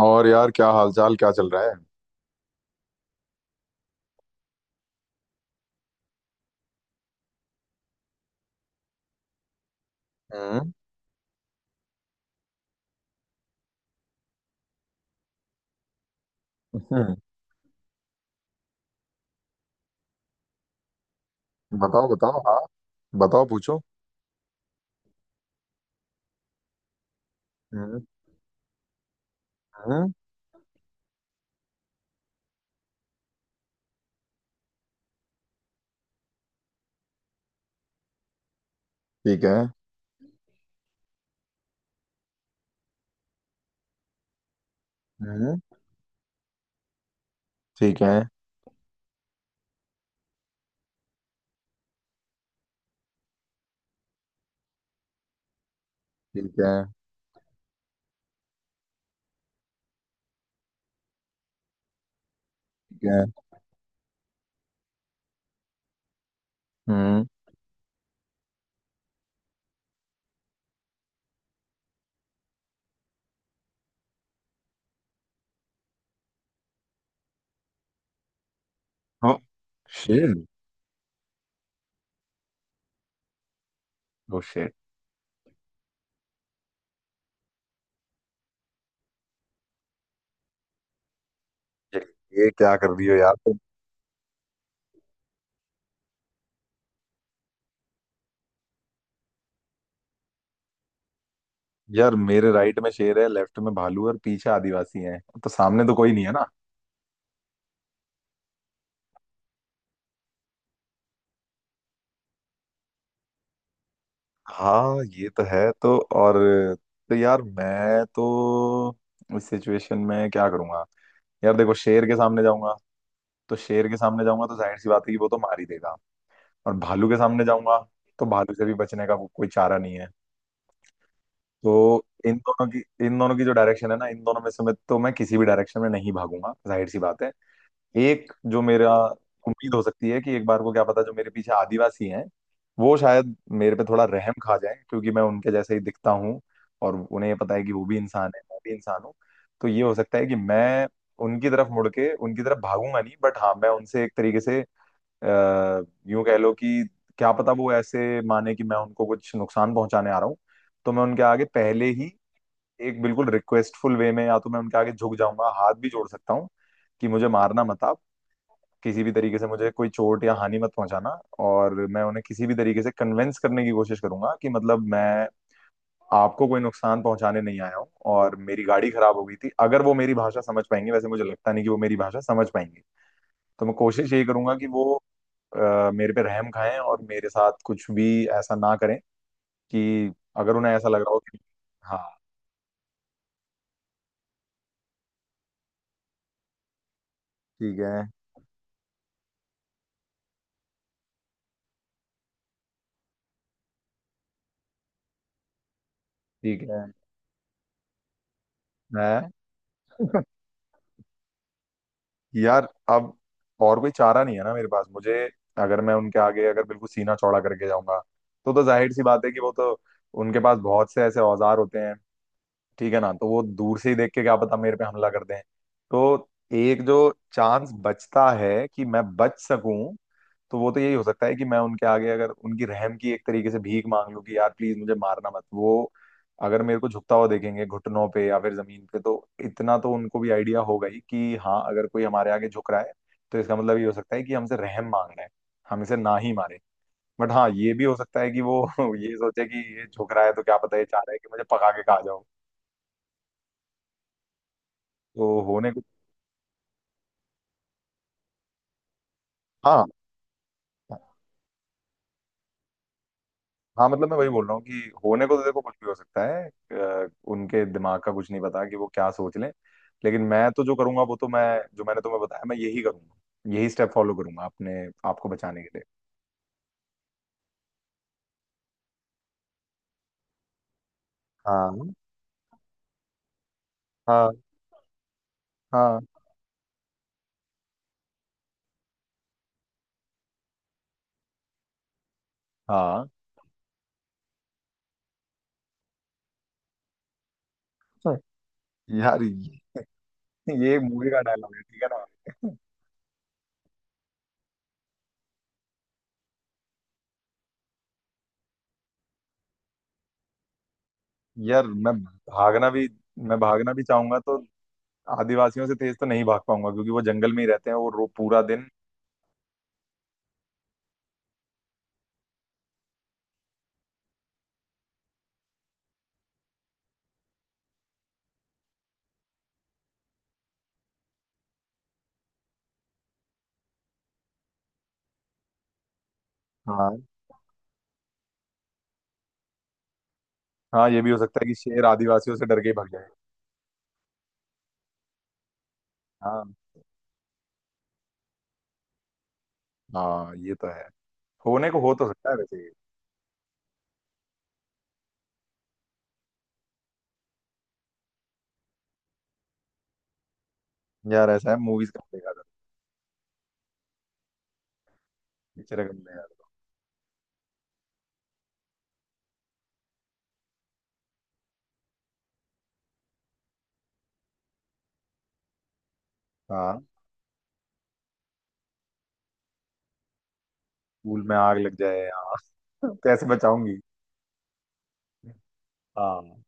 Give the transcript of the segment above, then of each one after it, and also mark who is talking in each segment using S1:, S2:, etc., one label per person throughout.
S1: और यार क्या हालचाल, क्या चल रहा है? हम्म। हम्म, बताओ बताओ, हाँ। बताओ पूछो। हम्म। हम्म, ठीक है। हम्म। ठीक है। ठीक है। ठीक है। हम्म। हाँ, शेर। ओ शेर। ये, ये क्या कर रही हो यार तुम? यार, मेरे राइट में शेर है, लेफ्ट में भालू है और पीछे आदिवासी हैं, तो सामने तो कोई नहीं है ना। हाँ ये तो है। तो और तो यार मैं तो इस सिचुएशन में क्या करूंगा? यार देखो, शेर के सामने जाऊंगा, तो शेर के सामने जाऊंगा तो जाहिर सी बात है कि वो तो मार ही देगा। और भालू के सामने जाऊंगा तो भालू से भी बचने का कोई चारा नहीं है। तो इन दोनों की, इन दोनों की जो डायरेक्शन है ना, इन दोनों में से मैं, मैं किसी भी डायरेक्शन में नहीं भागूंगा, जाहिर सी बात है। एक जो मेरा उम्मीद हो सकती है कि एक बार को, क्या पता, जो मेरे पीछे आदिवासी हैं वो शायद मेरे पे थोड़ा रहम खा जाए, क्योंकि मैं उनके जैसे ही दिखता हूँ और उन्हें ये पता है कि वो भी इंसान है, मैं भी इंसान हूँ। तो ये हो सकता है कि मैं उनकी तरफ मुड़ के उनकी तरफ भागूंगा नहीं, बट हाँ मैं उनसे एक तरीके से अ, यूं कह लो कि, क्या पता वो ऐसे माने कि मैं उनको कुछ नुकसान पहुंचाने आ रहा हूँ, तो मैं उनके आगे पहले ही एक बिल्कुल रिक्वेस्टफुल वे में या तो मैं उनके आगे झुक जाऊंगा, हाथ भी जोड़ सकता हूँ कि मुझे मारना मत आप, किसी भी तरीके से मुझे कोई चोट या हानि मत पहुंचाना। और मैं उन्हें किसी भी तरीके से कन्विंस करने की कोशिश करूंगा कि मतलब मैं आपको कोई नुकसान पहुंचाने नहीं आया हूँ और मेरी गाड़ी खराब हो गई थी। अगर वो मेरी भाषा समझ पाएंगे, वैसे मुझे लगता नहीं कि वो मेरी भाषा समझ पाएंगे, तो मैं कोशिश यही करूंगा कि वो मेरे पे रहम खाएं और मेरे साथ कुछ भी ऐसा ना करें कि, अगर उन्हें ऐसा लग रहा हो कि। हाँ। ठीक है। ठीक है, मैं यार, अब और कोई चारा नहीं है ना मेरे पास। मुझे अगर मैं उनके आगे, अगर बिल्कुल सीना चौड़ा करके जाऊंगा तो जाहिर सी बात है कि वो तो, उनके पास बहुत से ऐसे औजार होते हैं ठीक है ना, तो वो दूर से ही देख के क्या पता मेरे पे हमला कर दें। तो एक जो चांस बचता है कि मैं बच सकूं, तो वो तो यही हो सकता है कि मैं उनके आगे, अगर उनकी रहम की एक तरीके से भीख मांग लूं कि यार प्लीज मुझे मारना मत। वो अगर मेरे को झुकता हुआ देखेंगे घुटनों पे या फिर जमीन पे, तो इतना तो उनको भी आइडिया होगा ही कि हाँ, अगर कोई हमारे आगे झुक रहा है तो इसका मतलब ये हो सकता है कि हमसे रहम मांग रहा है, हम इसे ना ही मारे। बट हाँ, ये भी हो सकता है कि वो ये सोचे कि ये झुक रहा है तो क्या पता ये चाह रहा है कि मुझे पका के खा जाओ। तो होने को। हाँ। हाँ मतलब, मैं वही बोल रहा हूँ कि होने को तो देखो कुछ भी हो सकता है, उनके दिमाग का कुछ नहीं पता कि वो क्या सोच लें। लेकिन मैं तो जो करूंगा वो तो मैं, जो मैंने तुम्हें बताया, मैं यही करूंगा। यही स्टेप फॉलो करूंगा अपने आप को बचाने के लिए। हाँ। हाँ। हाँ। हाँ। हाँ। यार ये- ये मूवी का डायलॉग है ठीक है ना। यार मैं भागना भी, मैं भागना भी चाहूंगा तो आदिवासियों से तेज तो नहीं भाग पाऊंगा, क्योंकि वो जंगल में ही रहते हैं, वो रो पूरा दिन। हाँ, ये भी हो सकता है कि शेर आदिवासियों से डर के ही भाग जाए। हाँ। हाँ ये तो है, होने को हो तो सकता है वैसे ये। यार ऐसा है, मूवीज कम देखा था, पिक्चर कम देखा था। हाँ, स्कूल में आग लग जाए, हाँ कैसे बचाऊंगी। हाँ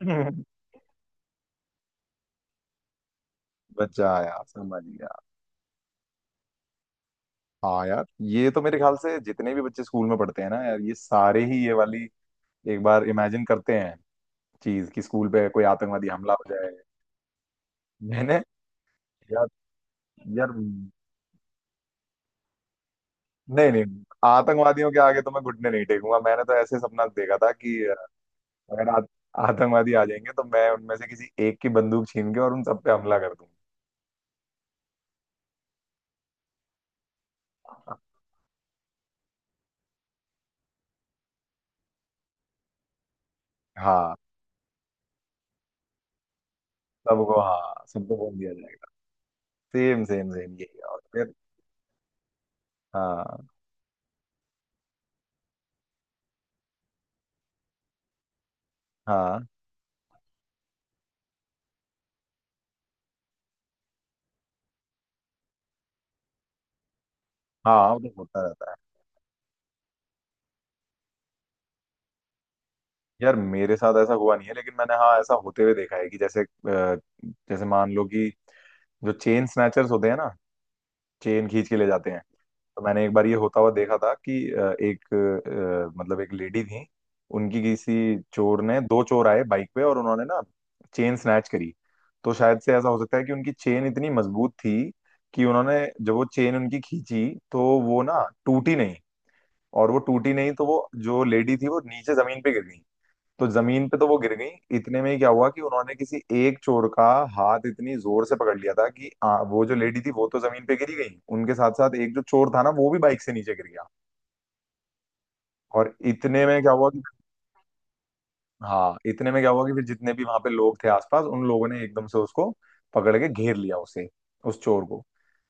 S1: बचाया, समझ गया। हाँ यार, ये तो मेरे ख्याल से जितने भी बच्चे स्कूल में पढ़ते हैं ना यार, ये सारे ही ये वाली एक बार इमेजिन करते हैं चीज, कि स्कूल पे कोई आतंकवादी हमला हो जाए। मैंने, यार, यार, नहीं नहीं, आतंकवादियों के आगे तो मैं घुटने नहीं टेकूंगा। मैंने तो ऐसे सपना देखा था कि अगर आतंकवादी आ जाएंगे तो मैं उनमें से किसी एक की बंदूक छीन के और उन सब पे हमला कर दूंगा। हाँ सबको, हाँ सबको बोल दिया जाएगा। सेम सेम सेम, यही है। और फिर। हाँ। हाँ। हाँ वो तो होता रहता है। यार मेरे साथ ऐसा हुआ नहीं है, लेकिन मैंने, हाँ, ऐसा होते हुए देखा है कि जैसे जैसे मान लो कि, जो चेन स्नैचर्स होते हैं ना, चेन खींच के ले जाते हैं, तो मैंने एक बार ये होता हुआ देखा था कि एक, मतलब एक लेडी थी, उनकी किसी चोर ने, दो चोर आए बाइक पे और उन्होंने ना चेन स्नैच करी। तो शायद से ऐसा हो सकता है कि उनकी चेन इतनी मजबूत थी कि उन्होंने जब वो चेन उनकी खींची तो वो ना, टूटी नहीं। और वो टूटी नहीं तो वो जो लेडी थी वो नीचे जमीन पे गिर गई। तो जमीन पे तो वो गिर गई, इतने में ही क्या हुआ कि उन्होंने किसी एक चोर का हाथ इतनी जोर से पकड़ लिया था कि वो जो लेडी थी वो तो जमीन पे गिरी गई, उनके साथ साथ एक जो चोर था ना वो भी बाइक से नीचे गिर गया। और इतने में क्या हुआ कि, हाँ, इतने में क्या हुआ कि फिर जितने भी वहां पे लोग थे आसपास, उन लोगों ने एकदम से उसको पकड़ के घेर लिया उसे, उस चोर को।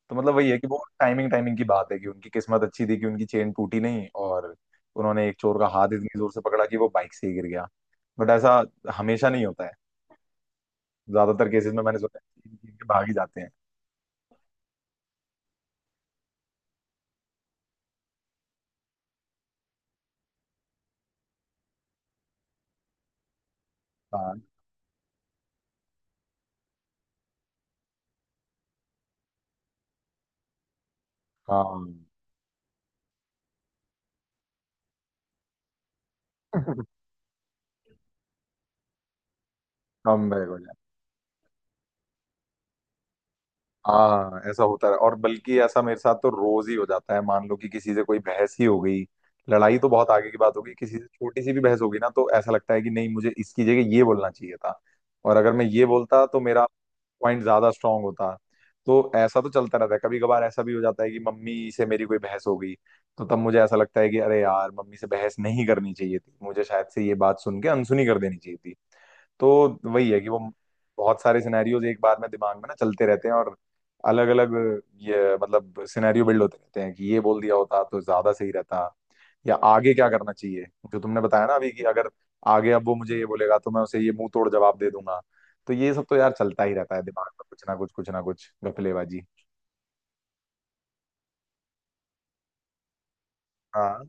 S1: तो मतलब वही है कि वो टाइमिंग, टाइमिंग की बात है कि उनकी किस्मत अच्छी थी कि उनकी चेन टूटी नहीं, और उन्होंने एक चोर का हाथ इतनी जोर से पकड़ा कि वो बाइक से ही गिर गया। बट ऐसा हमेशा नहीं होता है, ज्यादातर केसेस में मैंने सुना है कि इनके भाग ही जाते हैं। हाँ। हाँ कम बैक हो जाए। हाँ ऐसा होता है, और बल्कि ऐसा मेरे साथ तो रोज ही हो जाता है। मान लो कि किसी से कोई बहस ही हो गई, लड़ाई तो बहुत आगे की बात होगी, किसी से छोटी सी भी बहस होगी ना, तो ऐसा लगता है कि नहीं, मुझे इसकी जगह ये बोलना चाहिए था, और अगर मैं ये बोलता तो मेरा पॉइंट ज्यादा स्ट्रांग होता। तो ऐसा तो चलता रहता है। कभी कभार ऐसा भी हो जाता है कि मम्मी से मेरी कोई बहस हो गई, तो तब मुझे ऐसा लगता है कि अरे यार, मम्मी से बहस नहीं करनी चाहिए थी, मुझे शायद से ये बात सुन के अनसुनी कर देनी चाहिए थी। तो वही है कि वो बहुत सारे सिनेरियोज एक बार में दिमाग में ना चलते रहते हैं, और अलग अलग, ये मतलब सिनेरियो बिल्ड होते रहते हैं कि ये बोल दिया होता तो ज्यादा सही रहता, या आगे क्या करना चाहिए। जो तुमने बताया ना अभी कि अगर आगे, अब वो मुझे ये बोलेगा तो मैं उसे ये मुंह तोड़ जवाब दे दूंगा। तो ये सब तो यार चलता ही रहता है दिमाग में, कुछ ना कुछ, कुछ ना कुछ घपलेबाजी। हाँ।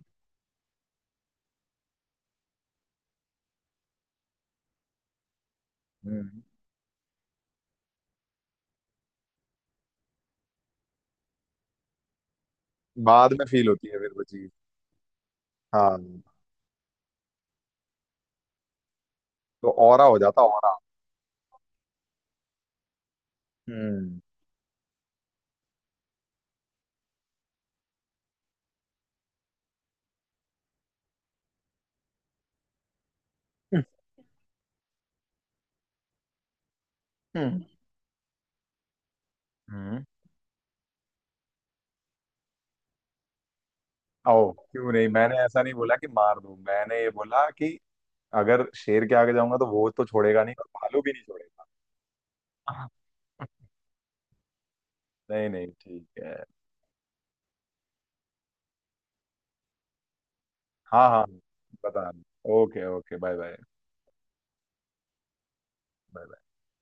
S1: हम्म। बाद में फील होती है फिर वो चीज। हाँ, तो औरा हो जाता औरा। हम्म। हम्म। हम्म। ओ क्यों नहीं, मैंने ऐसा नहीं बोला कि मार दूं। मैंने ये बोला कि अगर शेर के आगे जाऊंगा तो वो तो छोड़ेगा नहीं, और भालू भी नहीं छोड़ेगा। हाँ। नहीं नहीं, ठीक है। हाँ हाँ। बता। Okay okay, bye bye. Bye.